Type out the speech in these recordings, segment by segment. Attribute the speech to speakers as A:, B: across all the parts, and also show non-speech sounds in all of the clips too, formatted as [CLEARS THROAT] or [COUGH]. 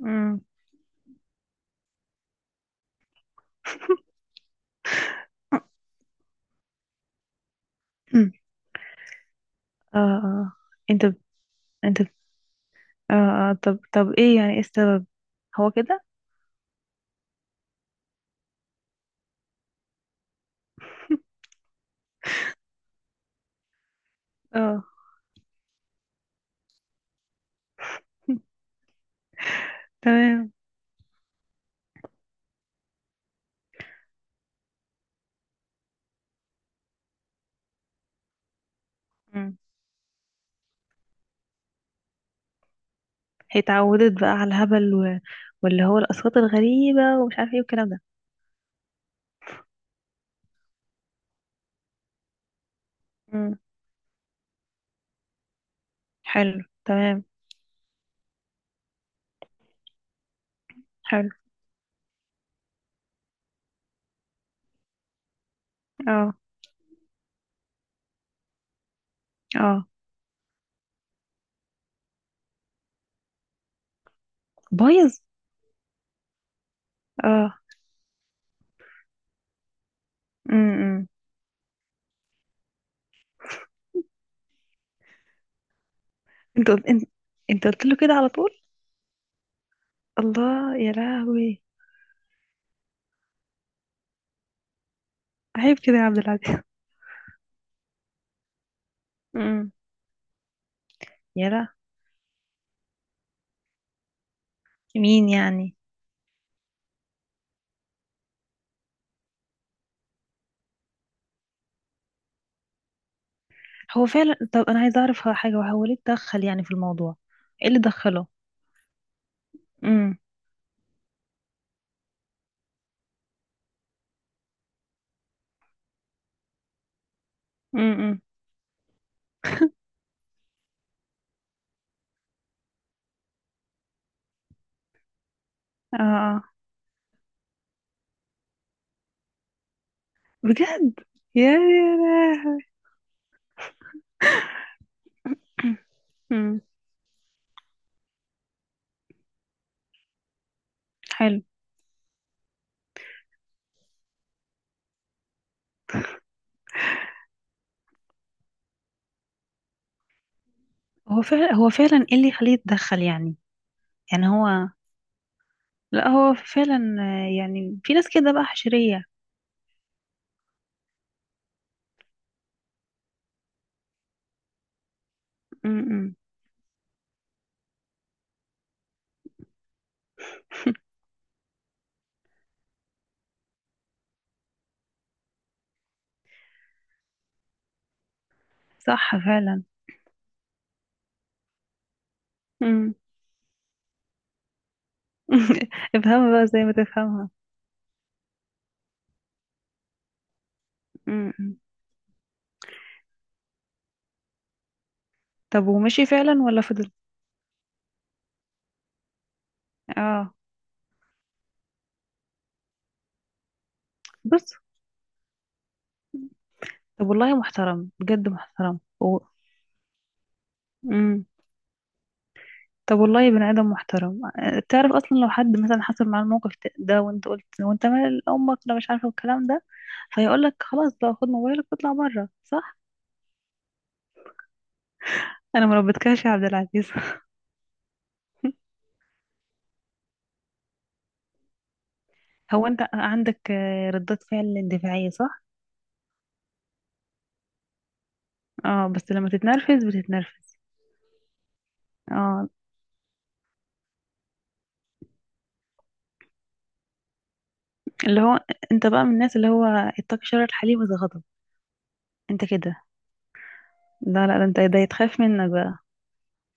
A: مم. [CLEARS THROAT] اه، اه، انت ب... انت ب... اه، اه، طب طب، ايه يعني ايه السبب؟ هو كده. [LAUGHS] اه، تمام. مم. هي اتعودت بقى على الهبل واللي هو الاصوات الغريبه ومش عارفه ايه والكلام ده. مم. حلو، تمام. حلو. اه، اه، بايظ. اه، امم انت قلت انت, انت قلت له كده على طول. الله يا لهوي. عيب كده يا عبد العزيز. [LAUGHS] امم. يا لا. مين يعني؟ هو فعلا، طب انا عايزه اعرف حاجه وهو ليه اتدخل يعني في الموضوع؟ ايه اللي دخله؟ امم، امم، اه، آه. بجد. يا لهوي. امم. حلو. هو فعلا هو فعلا ايه اللي يخليه يتدخل يعني؟ يعني هو، لا هو فعلا آه، يعني في ناس كده بقى حشريه. امم. صح فعلا. امم. [LAUGHS] افهمها بقى زي ما تفهمها. امم طب ومشي فعلا ولا فضل؟ اه، بص. طب والله محترم، بجد محترم امم طب والله بني آدم محترم. تعرف أصلا لو حد مثلا حصل معاه الموقف ده وأنت قلت وأنت مال أمك أنا مش عارفة الكلام ده، فيقول لك خلاص بقى خد موبايلك واطلع بره، صح. أنا مربتكش يا عبد العزيز. [LAUGHS] هو أنت عندك آه، ردات فعل دفاعية، صح؟ اه، بس لما تتنرفز بتتنرفز. اه. اللي هو أنت بقى من الناس اللي هو اتقي شر الحليم إذا غضب. أنت كده. لا لا، ده أنت ده يتخاف منك بقى.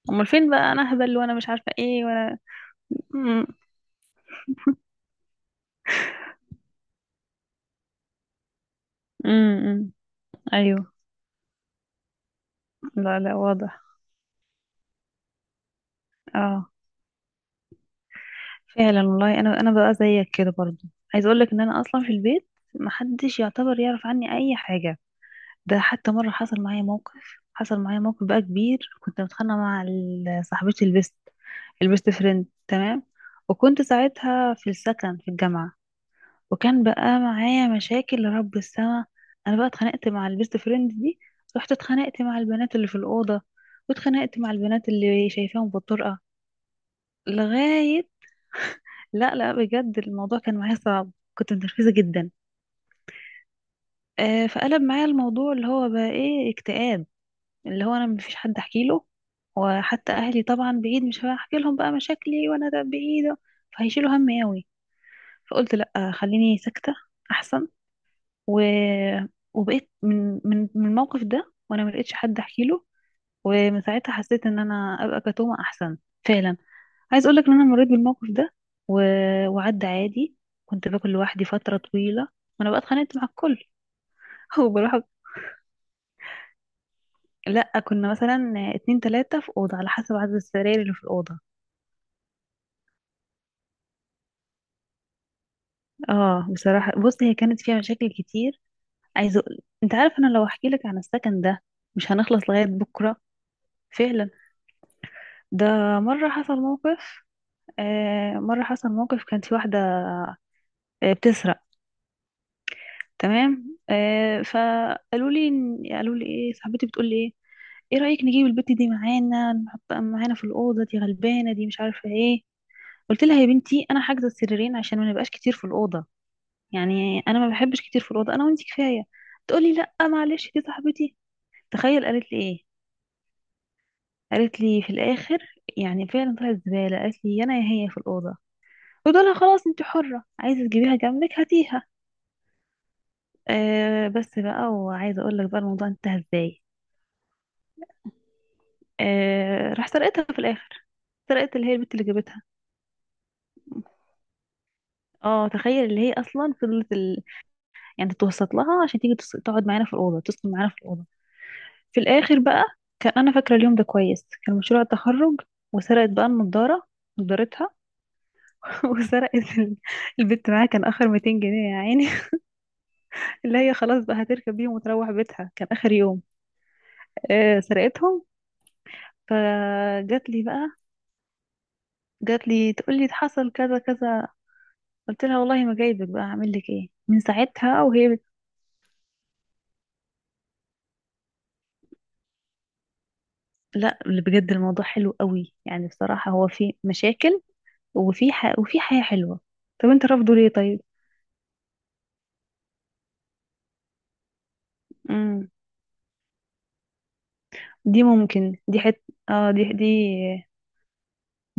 A: أمال فين بقى؟ أنا أهبل وأنا مش عارفة إيه وأنا، امم، امم، أيوه. لا لا، واضح. اه. فعلا، والله انا بقى زيك كده برضو. عايز اقول لك ان انا اصلا في البيت محدش يعتبر يعرف عني اي حاجه. ده حتى مره حصل معايا موقف. حصل معايا موقف بقى كبير، كنت متخانقه مع صاحبتي البيست. البيست فريند، تمام. وكنت ساعتها في السكن في الجامعه، وكان بقى معايا مشاكل لرب السما. انا بقى اتخانقت مع البيست فريند دي، رحت اتخانقت مع البنات اللي في الاوضه، واتخانقت مع البنات اللي شايفاهم بالطرقه لغايه. لا لا، بجد الموضوع كان معايا صعب. كنت متنرفزة جدا. آه، فقلب معايا الموضوع اللي هو بقى ايه، اكتئاب. اللي هو انا مفيش حد احكي له، وحتى اهلي طبعا بعيد، مش هحكي لهم بقى مشاكلي وانا ده بعيدة، فهيشيلوا همي قوي. فقلت لا، خليني ساكتة احسن. و... وبقيت من الموقف ده وانا ملقتش حد احكي له. ومن ساعتها حسيت ان انا ابقى كتومة احسن. فعلا. عايز اقولك ان انا مريت بالموقف ده و... وعدى عادي. كنت باكل لوحدي فترة طويلة، وانا بقى اتخانقت مع الكل. [LAUGHS] وبروح. لا، كنا مثلا اتنين تلاتة في أوضة على حسب عدد السراير اللي في الأوضة. اه، بصراحة، بص هي كانت فيها مشاكل كتير. انت عارف انا لو احكي لك عن السكن ده مش هنخلص لغاية بكرة. فعلا. ده مرة حصل موقف. آه، مرة حصل موقف، كانت في واحدة آه، بتسرق. تمام. آه، فقالوا لي قالوا لي ايه، صاحبتي بتقول لي ايه، ايه رأيك نجيب البت دي معانا، نحطها معانا في الأوضة دي، غلبانة دي مش عارفة ايه. قلت لها يا بنتي انا حاجزة السريرين عشان ما نبقاش كتير في الأوضة، يعني انا ما بحبش كتير في الأوضة، انا وانتي كفاية. تقولي لا معلش دي صاحبتي. تخيل قالت لي ايه. قالت لي في الآخر، يعني فعلا طلعت زبالة، قالت لي يا انا يا هي في الأوضة. قلت لها خلاص انتي حرة عايزة تجيبيها جنبك هاتيها. آه، بس بقى وعايزة اقول لك بقى الموضوع انتهى ازاي. آه، راح سرقتها في الاخر. سرقت اللي هي البت اللي جابتها. اه، تخيل اللي هي اصلا يعني توسط لها عشان تيجي تقعد معانا في الاوضه، تسكن معانا في الاوضه. في الاخر بقى، كان انا فاكره اليوم ده كويس، كان مشروع التخرج، وسرقت بقى النضاره، نضارتها. [LAUGHS] وسرقت البت، معاها كان اخر 200 جنيه يا عيني. [LAUGHS] اللي هي خلاص بقى هتركب بيهم وتروح بيتها، كان اخر يوم. آه، سرقتهم. فجات لي بقى، جات لي تقول لي حصل كذا كذا. قلت لها والله ما جايبك بقى اعمل لك ايه من ساعتها لا اللي بجد الموضوع حلو قوي، يعني بصراحة هو في مشاكل وفي حياة حلوة. طب انت رافضه ليه طيب؟ امم. دي ممكن دي حت اه، دي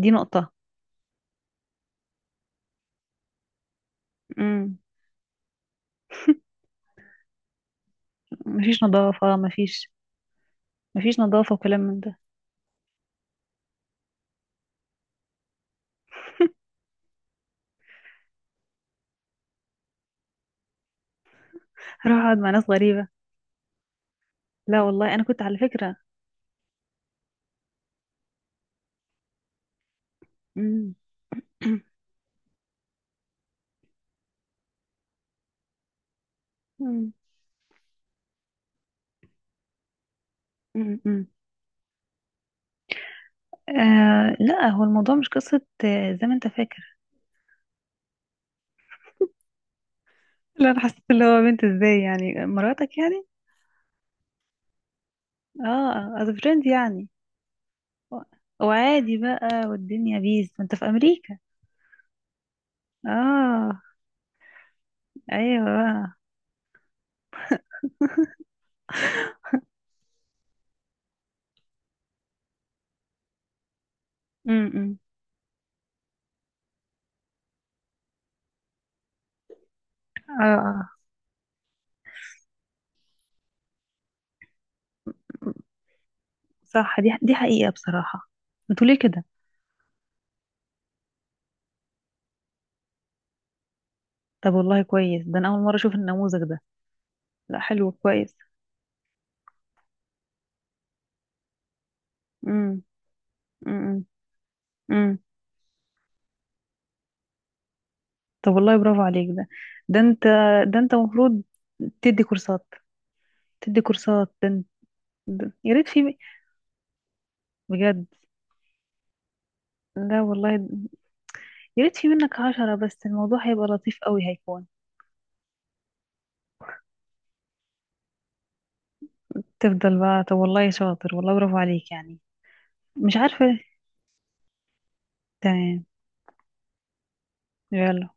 A: دي نقطة. امم. مفيش نظافة مفيش. مفيش نظافة وكلام من ده. هروح اقعد مع ناس غريبة؟ لا والله انا كنت على فكرة. امم. امم. امم. [COUGHS] آه، لا هو الموضوع مش قصة آه، زي ما انت فاكر. لا، انا حسيت اللي هو بنت ازاي، يعني مراتك يعني. اه، از فريند يعني. و- وعادي بقى، والدنيا بيز انت في امريكا. اه. ايوه بقى. امم. اه، اه، صح. دي حقيقة بصراحة. انتوا ليه كده؟ طب والله كويس، ده انا اول مرة اشوف النموذج ده. لا، حلو، كويس. امم. امم. امم. طب والله برافو عليك. ده انت، ده انت المفروض تدي كورسات. ده يا ريت في، بجد. لا والله، يا ريت في منك عشرة بس، الموضوع هيبقى لطيف قوي، هيكون. تفضل بقى. طب والله شاطر، والله برافو عليك يعني. مش عارفة. تمام. يلا.